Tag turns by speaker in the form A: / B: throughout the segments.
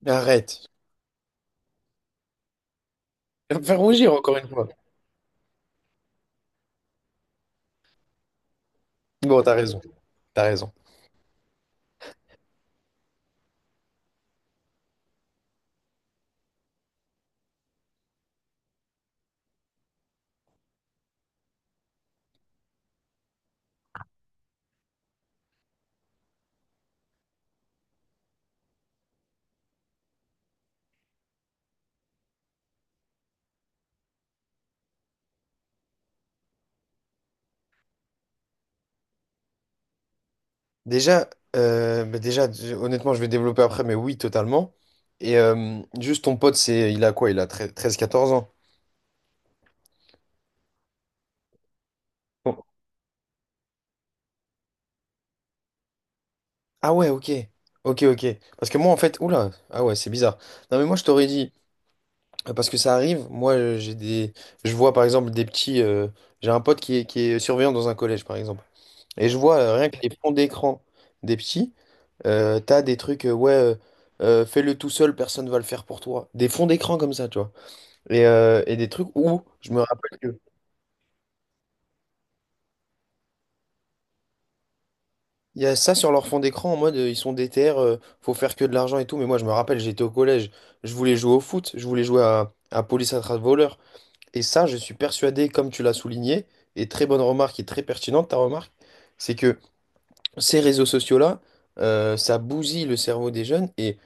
A: Mais arrête. Tu vas me faire rougir encore une fois. Bon, t'as raison. T'as raison. Déjà, déjà, honnêtement, je vais développer après, mais oui, totalement. Et juste ton pote, c'est, il a quoi? Il a 13, 14 ans. Bon. Ah ouais, ok. Ok, ok. Parce que moi, en fait, oula, ah ouais, c'est bizarre. Non, mais moi, je t'aurais dit, parce que ça arrive, moi, j'ai des. Je vois, par exemple, des petits. J'ai un pote qui est surveillant dans un collège, par exemple. Et je vois rien que les fonds d'écran des petits, t'as des trucs, fais-le tout seul, personne va le faire pour toi. Des fonds d'écran comme ça, tu vois. Et des trucs où je me rappelle que il y a ça sur leur fond d'écran en mode ils sont faut faire que de l'argent et tout. Mais moi, je me rappelle, j'étais au collège, je voulais jouer au foot, je voulais jouer à police attrape voleur. Et ça, je suis persuadé, comme tu l'as souligné, et très bonne remarque et très pertinente ta remarque, c'est que ces réseaux sociaux-là, ça bousille le cerveau des jeunes, et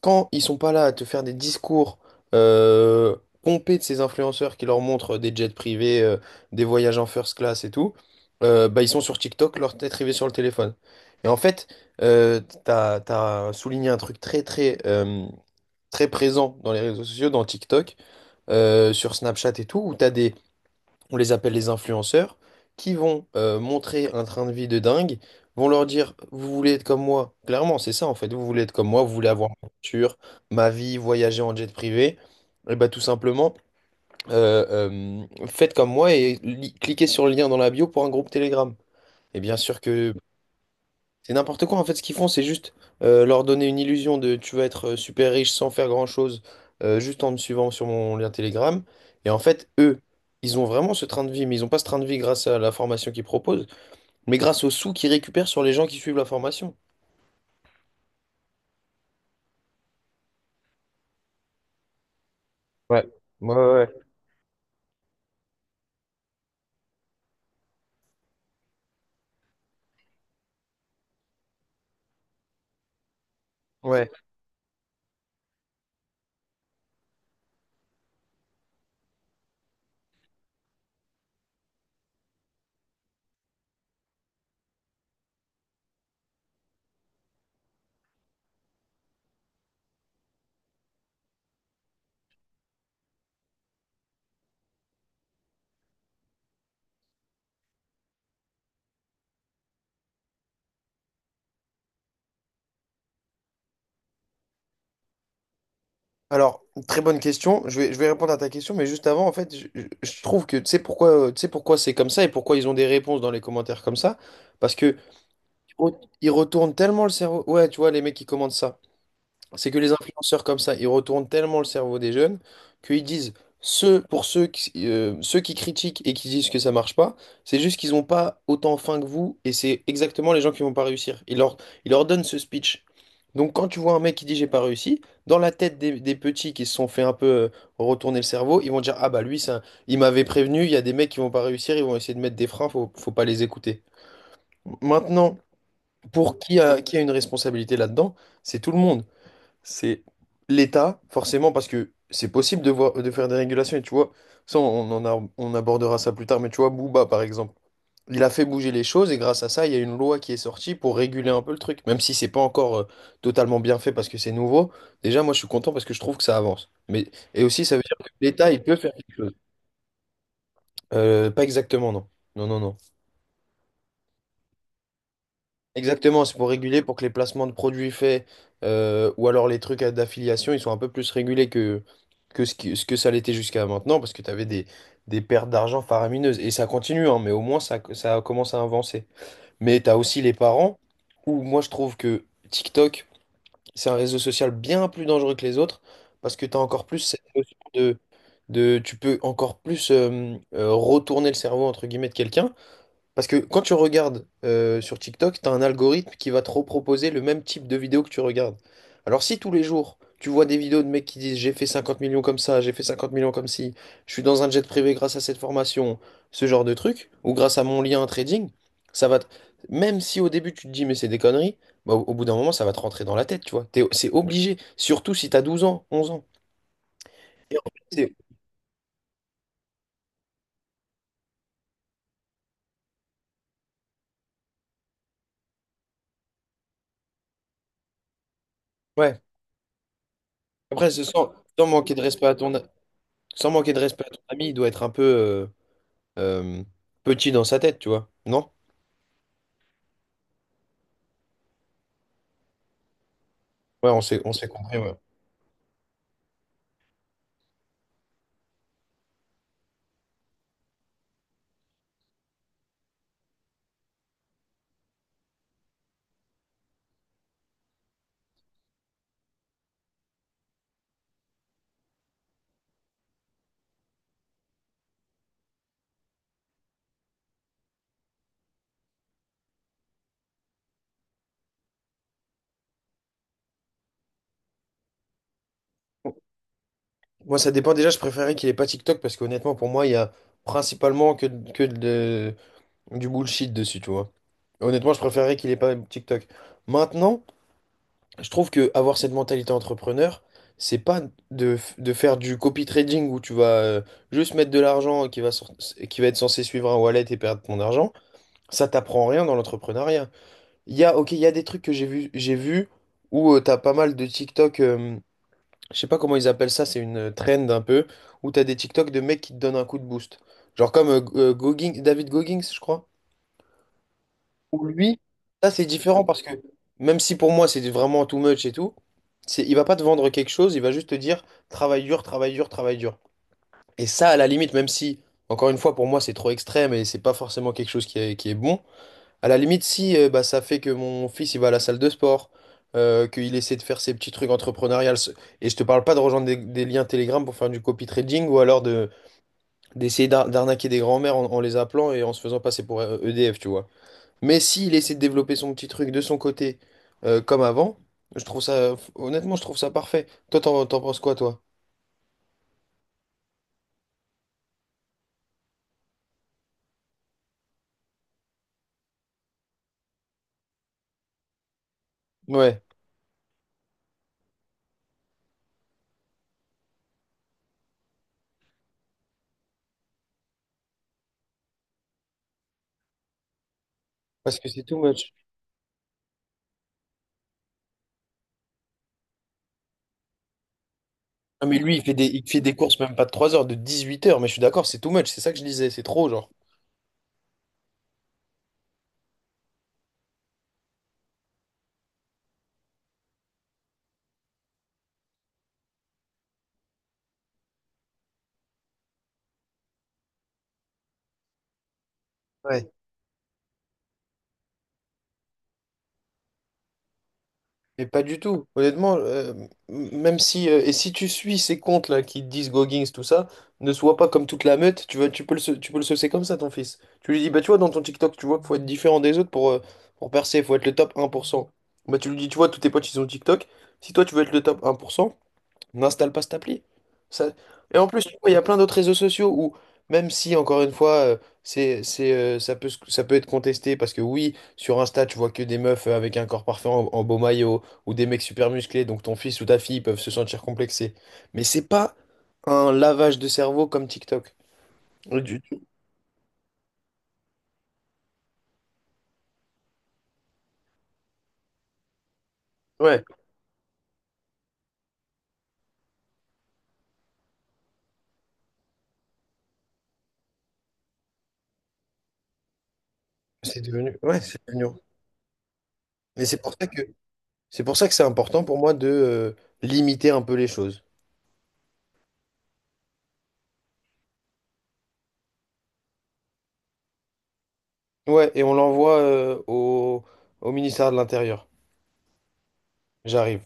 A: quand ils sont pas là à te faire des discours euh, pompés de ces influenceurs qui leur montrent des jets privés, des voyages en first class et tout, bah ils sont sur TikTok, leur tête rivée sur le téléphone. Et en fait, t'as souligné un truc très présent dans les réseaux sociaux, dans TikTok, sur Snapchat et tout, où t'as des, on les appelle les influenceurs, qui vont montrer un train de vie de dingue, vont leur dire, vous voulez être comme moi. Clairement, c'est ça en fait, vous voulez être comme moi, vous voulez avoir ma voiture, ma vie, voyager en jet privé. Et bah tout simplement, faites comme moi et cliquez sur le lien dans la bio pour un groupe Telegram. Et bien sûr que c'est n'importe quoi en fait ce qu'ils font, c'est juste leur donner une illusion de, tu vas être super riche sans faire grand-chose, juste en me suivant sur mon lien Telegram. Et en fait, eux, ils ont vraiment ce train de vie, mais ils ont pas ce train de vie grâce à la formation qu'ils proposent, mais grâce aux sous qu'ils récupèrent sur les gens qui suivent la formation. Ouais, ouais, ouais, ouais. Alors, très bonne question. Je vais répondre à ta question, mais juste avant, en fait, je trouve que tu sais pourquoi c'est comme ça et pourquoi ils ont des réponses dans les commentaires comme ça. Parce que oh, ils retournent tellement le cerveau. Ouais, tu vois, les mecs qui commentent ça. C'est que les influenceurs comme ça, ils retournent tellement le cerveau des jeunes qu'ils disent, pour ceux ceux qui critiquent et qui disent que ça marche pas, c'est juste qu'ils n'ont pas autant faim que vous et c'est exactement les gens qui vont pas réussir. Ils leur donnent ce speech. Donc quand tu vois un mec qui dit j'ai pas réussi, dans la tête des petits qui se sont fait un peu retourner le cerveau, ils vont dire, ah bah lui, ça, il m'avait prévenu, il y a des mecs qui vont pas réussir, ils vont essayer de mettre des freins, faut pas les écouter. Maintenant, pour qui a une responsabilité là-dedans, c'est tout le monde, c'est l'État, forcément, parce que c'est possible de voir, de faire des régulations, et tu vois, ça, on abordera ça plus tard, mais tu vois, Booba, par exemple, il a fait bouger les choses, et grâce à ça, il y a une loi qui est sortie pour réguler un peu le truc, même si c'est pas encore totalement bien fait parce que c'est nouveau. Déjà, moi, je suis content parce que je trouve que ça avance. Mais, et aussi, ça veut dire que l'État, il peut faire quelque chose. Pas exactement, non. Non, non, non. Exactement, c'est pour réguler, pour que les placements de produits faits ou alors les trucs d'affiliation, ils sont un peu plus régulés que ce ce que ça l'était jusqu'à maintenant, parce que tu avais des pertes d'argent faramineuses. Et ça continue, hein, mais au moins ça, ça commence à avancer. Mais tu as aussi les parents, où moi je trouve que TikTok, c'est un réseau social bien plus dangereux que les autres, parce que tu as encore plus cette notion de... Tu peux encore plus retourner le cerveau, entre guillemets, de quelqu'un. Parce que quand tu regardes sur TikTok, tu as un algorithme qui va te reproposer le même type de vidéo que tu regardes. Alors si tous les jours, tu vois des vidéos de mecs qui disent j'ai fait 50 millions comme ça, j'ai fait 50 millions comme ci, je suis dans un jet privé grâce à cette formation, ce genre de truc, ou grâce à mon lien trading, ça va te- même si au début tu te dis mais c'est des conneries, bah, au bout d'un moment ça va te rentrer dans la tête, tu vois. C'est obligé, surtout si tu as 12 ans, 11 ans. Et en fait, c'est- Ouais. Après, c'est sans, sans manquer de respect sans manquer de respect à ton ami, il doit être un peu... euh, petit dans sa tête, tu vois. Non? Ouais, on s'est compris, ouais. Moi, ça dépend déjà, je préférais qu'il ait pas TikTok parce qu'honnêtement, pour moi, il y a principalement que de, du bullshit dessus, tu vois. Honnêtement, je préférais qu'il ait pas TikTok. Maintenant, je trouve que avoir cette mentalité entrepreneur, c'est pas de faire du copy trading où tu vas juste mettre de l'argent qui va être censé suivre un wallet et perdre ton argent. Ça t'apprend rien dans l'entrepreneuriat. Il y a, ok, il y a des trucs que j'ai vu où t'as pas mal de TikTok, je sais pas comment ils appellent ça, c'est une trend un peu, où t'as des TikTok de mecs qui te donnent un coup de boost. Genre comme David Goggins, je crois. Ou lui, ça c'est différent parce que, même si pour moi c'est vraiment too much et tout, c'est, il va pas te vendre quelque chose, il va juste te dire travaille dur, travaille dur, travaille dur. Et ça, à la limite, même si, encore une fois, pour moi c'est trop extrême et c'est pas forcément quelque chose qui est bon. À la limite, si bah, ça fait que mon fils il va à la salle de sport, qu'il essaie de faire ses petits trucs entrepreneuriales, et je te parle pas de rejoindre des liens Telegram pour faire du copy trading ou alors de d'arnaquer des grands-mères en les appelant et en se faisant passer pour EDF, tu vois. Mais s'il essaie de développer son petit truc de son côté comme avant, je trouve ça, honnêtement, je trouve ça parfait. Toi, t'en penses quoi, toi? Ouais, parce que c'est too much. Non, mais lui, il fait il fait des courses même pas de 3 heures, de 18 heures, mais je suis d'accord, c'est too much, c'est ça que je disais, c'est trop, genre. Ouais. Mais pas du tout. Honnêtement, même si et si tu suis ces comptes-là qui te disent Goggins, tout ça, ne sois pas comme toute la meute, tu vois, tu peux tu peux le saucer comme ça, ton fils. Tu lui dis, bah tu vois, dans ton TikTok, tu vois qu'il faut être différent des autres pour percer, il faut être le top 1%. Bah tu lui dis, tu vois, tous tes potes, ils ont TikTok. Si toi tu veux être le top un pour cent, n'installe pas cette appli. Ça- Et en plus, tu vois, il y a plein d'autres réseaux sociaux où, même si, encore une fois, ça peut, ça peut être contesté, parce que oui, sur Insta, tu vois que des meufs avec un corps parfait en beau maillot, ou des mecs super musclés, donc ton fils ou ta fille peuvent se sentir complexés. Mais c'est pas un lavage de cerveau comme TikTok. Du tout. Ouais, c'est devenu. Ouais, c'est devenu. Et c'est pour ça que, c'est pour ça que c'est important pour moi de, limiter un peu les choses. Ouais, et on l'envoie, au ministère de l'Intérieur. J'arrive